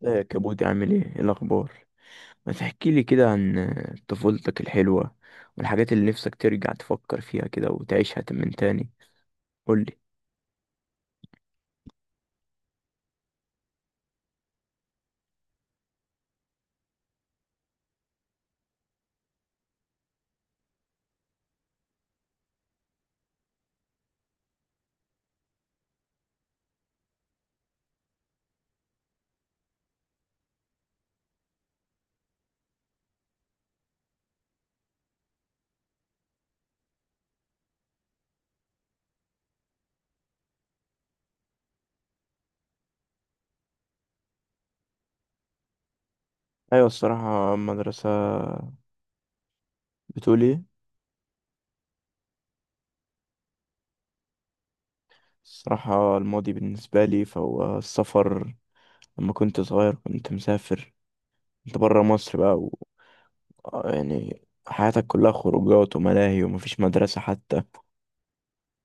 لا يا كابوتي، عامل ايه؟ إيه الاخبار؟ ما تحكي لي كده عن طفولتك الحلوه والحاجات اللي نفسك ترجع تفكر فيها كده وتعيشها من تاني. قول لي. ايوه الصراحه المدرسه. بتقول ايه؟ الصراحه الماضي بالنسبه لي فهو السفر. لما كنت صغير كنت مسافر، كنت بره مصر بقى و... آه يعني حياتك كلها خروجات وملاهي ومفيش مدرسه حتى،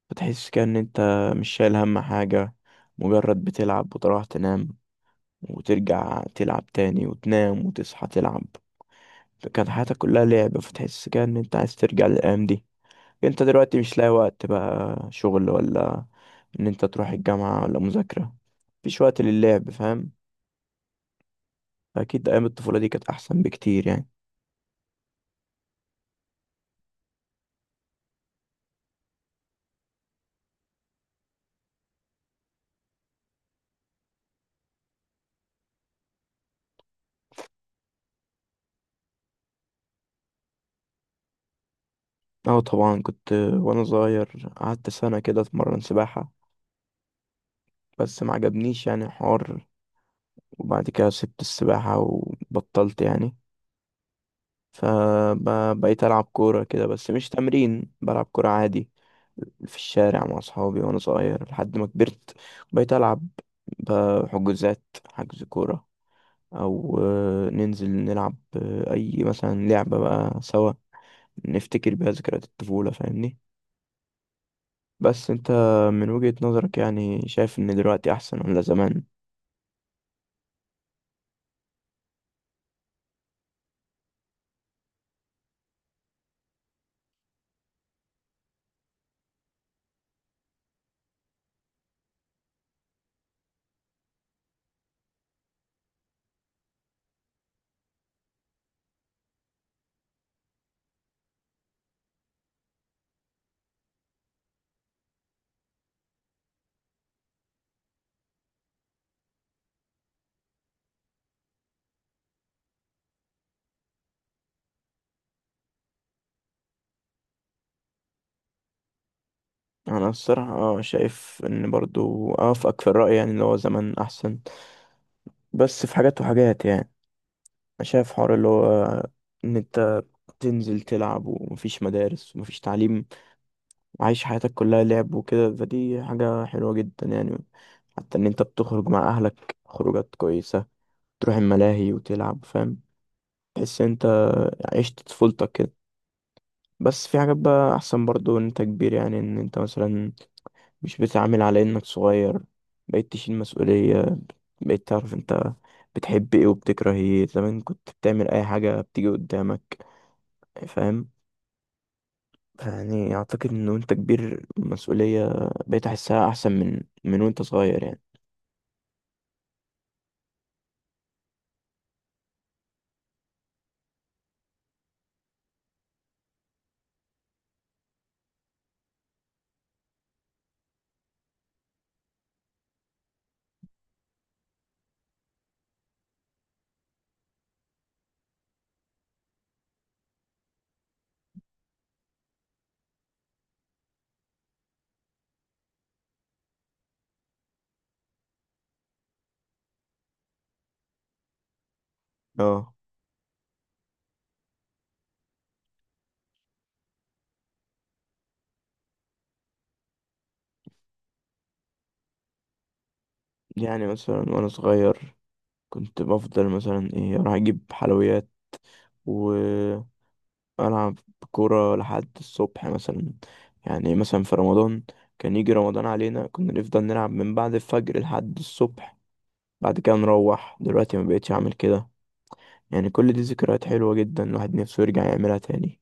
فتحس كأن انت مش شايل هم حاجه، مجرد بتلعب وتروح تنام وترجع تلعب تاني وتنام وتصحى تلعب. فكانت حياتك كلها لعب، فتحس كده ان انت عايز ترجع للايام دي. انت دلوقتي مش لاقي وقت بقى، شغل ولا ان انت تروح الجامعة ولا مذاكرة، مفيش وقت للعب، فاهم. اكيد ايام الطفولة دي كانت احسن بكتير يعني. اه طبعا، كنت وانا صغير قعدت سنة كده اتمرن سباحة، بس ما عجبنيش يعني الحوار. وبعد كده سبت السباحة وبطلت يعني. فبقيت ألعب كورة كده، بس مش تمرين، بلعب كورة عادي في الشارع مع أصحابي وأنا صغير. لحد ما كبرت بقيت ألعب بحجوزات، حجز كورة، أو ننزل نلعب، أي مثلا لعبة بقى سوا نفتكر بيها ذكريات الطفولة، فاهمني. بس أنت من وجهة نظرك يعني شايف إن دلوقتي أحسن ولا زمان؟ أنا الصراحة شايف إن برضو أوافقك في الرأي، يعني اللي هو زمان أحسن. بس في حاجات وحاجات يعني، أنا شايف حوار اللي هو إن أنت تنزل تلعب ومفيش مدارس ومفيش تعليم، عايش حياتك كلها لعب وكده، فدي حاجة حلوة جدا يعني. حتى ان انت بتخرج مع اهلك خروجات كويسة، تروح الملاهي وتلعب، فاهم. تحس ان انت عشت طفولتك كده. بس في حاجات بقى احسن برضو ان انت كبير، يعني ان انت مثلا مش بتتعامل على انك صغير، بقيت تشيل مسؤولية، بقيت تعرف انت بتحب ايه وبتكره ايه، زمان كنت بتعمل اي حاجة بتيجي قدامك، فاهم. يعني اعتقد ان وانت كبير المسؤولية بقيت احسها احسن من وانت صغير يعني. اه، يعني مثلا وانا صغير كنت بفضل مثلا ايه اروح اجيب حلويات والعب كورة لحد الصبح مثلا. يعني مثلا في رمضان، كان يجي رمضان علينا كنا نفضل نلعب من بعد الفجر لحد الصبح، بعد كده نروح. دلوقتي ما بقتش اعمل كده. يعني كل دي ذكريات حلوة جدا، الواحد نفسه يرجع يعملها تاني،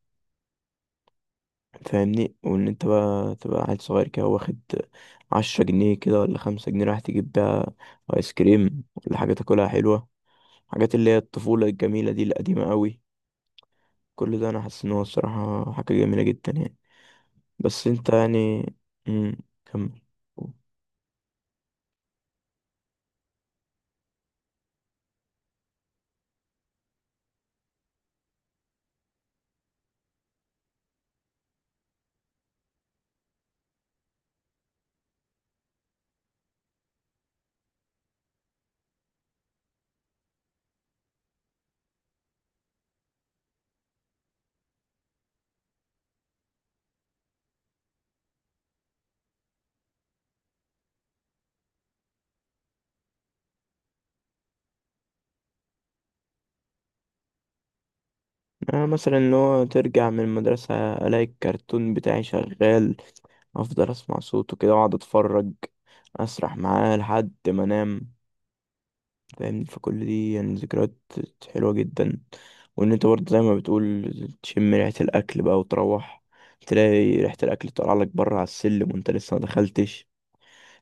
فاهمني. وان انت بقى تبقى عيل صغير كده واخد 10 جنيه كده ولا 5 جنيه رايح تجيب بيها ايس كريم ولا حاجة تاكلها حلوة، حاجات اللي هي الطفولة الجميلة دي القديمة قوي. كل ده أنا حاسس إن هو الصراحة حاجة جميلة جدا يعني. بس أنت يعني. مم. كمل. أنا مثلا إن هو ترجع من المدرسة ألاقي الكرتون بتاعي شغال، أفضل أسمع صوته كده وأقعد أتفرج، أسرح معاه لحد ما أنام، فاهمني. فكل دي يعني ذكريات حلوة جدا. وإن أنت برضه زي ما بتقول تشم ريحة الأكل بقى وتروح تلاقي ريحة الأكل طالعة لك بره على السلم وأنت لسه ما دخلتش،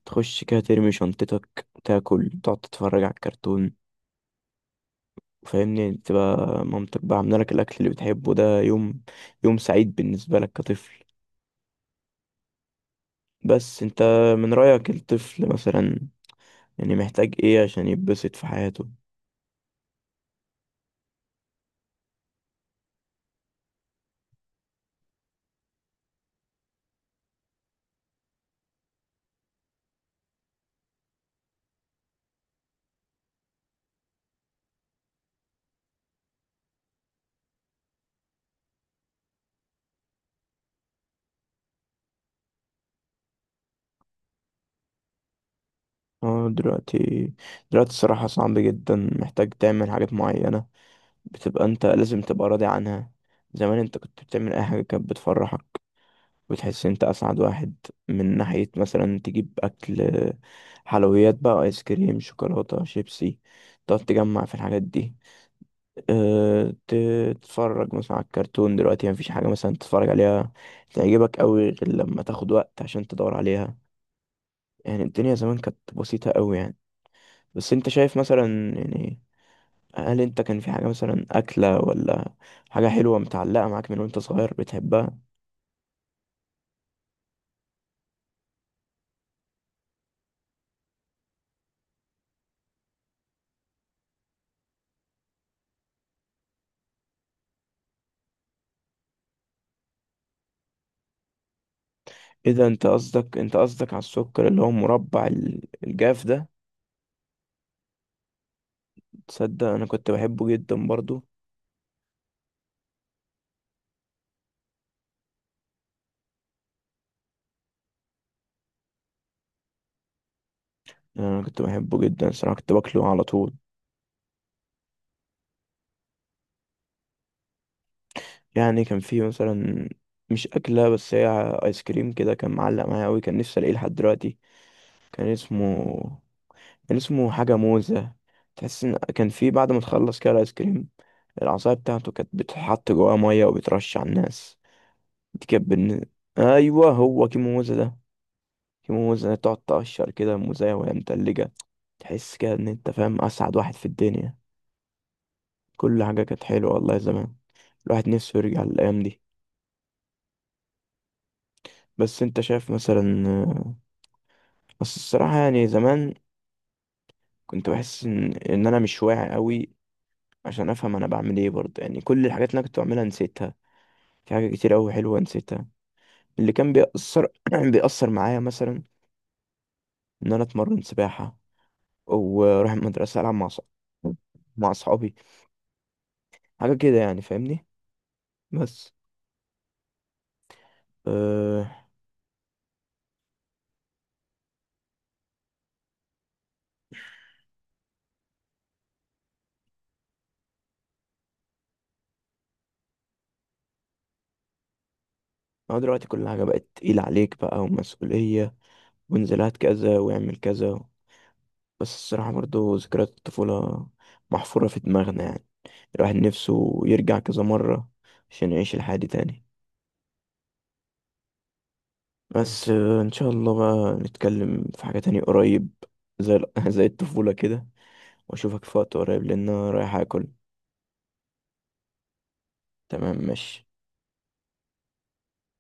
تخش كده ترمي شنطتك تاكل تقعد تتفرج على الكرتون، فاهمني. تبقى مامتك بقى عامله لك الاكل اللي بتحبه، ده يوم، يوم سعيد بالنسبه لك كطفل. بس انت من رايك الطفل مثلا يعني محتاج ايه عشان يتبسط في حياته؟ اه دلوقتي الصراحه صعب جدا، محتاج تعمل حاجات معينه بتبقى انت لازم تبقى راضي عنها. زمان انت كنت بتعمل اي حاجه كانت بتفرحك وتحس انت اسعد واحد، من ناحية مثلا تجيب اكل، حلويات بقى، ايس كريم، شوكولاتة، شيبسي، تقعد تجمع في الحاجات دي. أه ت- تتفرج مثلا على الكرتون. دلوقتي مفيش حاجة مثلا تتفرج عليها تعجبك قوي غير لما تاخد وقت عشان تدور عليها. يعني الدنيا زمان كانت بسيطة قوي يعني. بس انت شايف مثلا يعني، هل انت كان في حاجة مثلا أكلة ولا حاجة حلوة متعلقة معاك من وانت صغير بتحبها؟ اذا انت قصدك على السكر اللي هو مربع الجاف ده؟ تصدق انا كنت بحبه جدا برضو. يعني انا كنت بحبه جدا صراحة، كنت باكله على طول. يعني كان فيه مثلا مش اكلة، بس هي ايس كريم كده، كان معلق معايا قوي، كان نفسي الاقيه لحد دلوقتي. كان اسمه كان اسمه حاجة موزة. تحس ان كان فيه بعد ما تخلص كده الايس كريم، العصاية بتاعته كانت بتتحط جواها مية وبترش على الناس. دي كانت بالن- ايوه هو كيمو موزة ده، في موزة تقعد تقشر كده موزاية وهي متلجة، تحس كده إن أنت فاهم أسعد واحد في الدنيا. كل حاجة كانت حلوة، والله زمان الواحد نفسه يرجع للأيام دي. بس أنت شايف مثلا بس الصراحة يعني، زمان كنت بحس إن أنا مش واعي أوي عشان أفهم أنا بعمل إيه برضه. يعني كل الحاجات اللي أنا كنت بعملها نسيتها، في حاجة كتير أوي حلوة نسيتها. اللي كان بيأثر بيأثر معايا مثلا إن أنا أتمرن سباحة وأروح المدرسة ألعب مع مع أصحابي، حاجة كده يعني فاهمني. بس، أه. أنا دلوقتي كل حاجة بقت تقيلة عليك بقى ومسؤولية، وانزلات كذا واعمل كذا. بس الصراحة برضو ذكريات الطفولة محفورة في دماغنا يعني، الواحد نفسه يرجع كذا مرة عشان يعيش الحياة دي تاني. بس إن شاء الله بقى نتكلم في حاجة تانية قريب زي زي الطفولة كده، وأشوفك في وقت قريب، لأن أنا رايح أكل. تمام ماشي.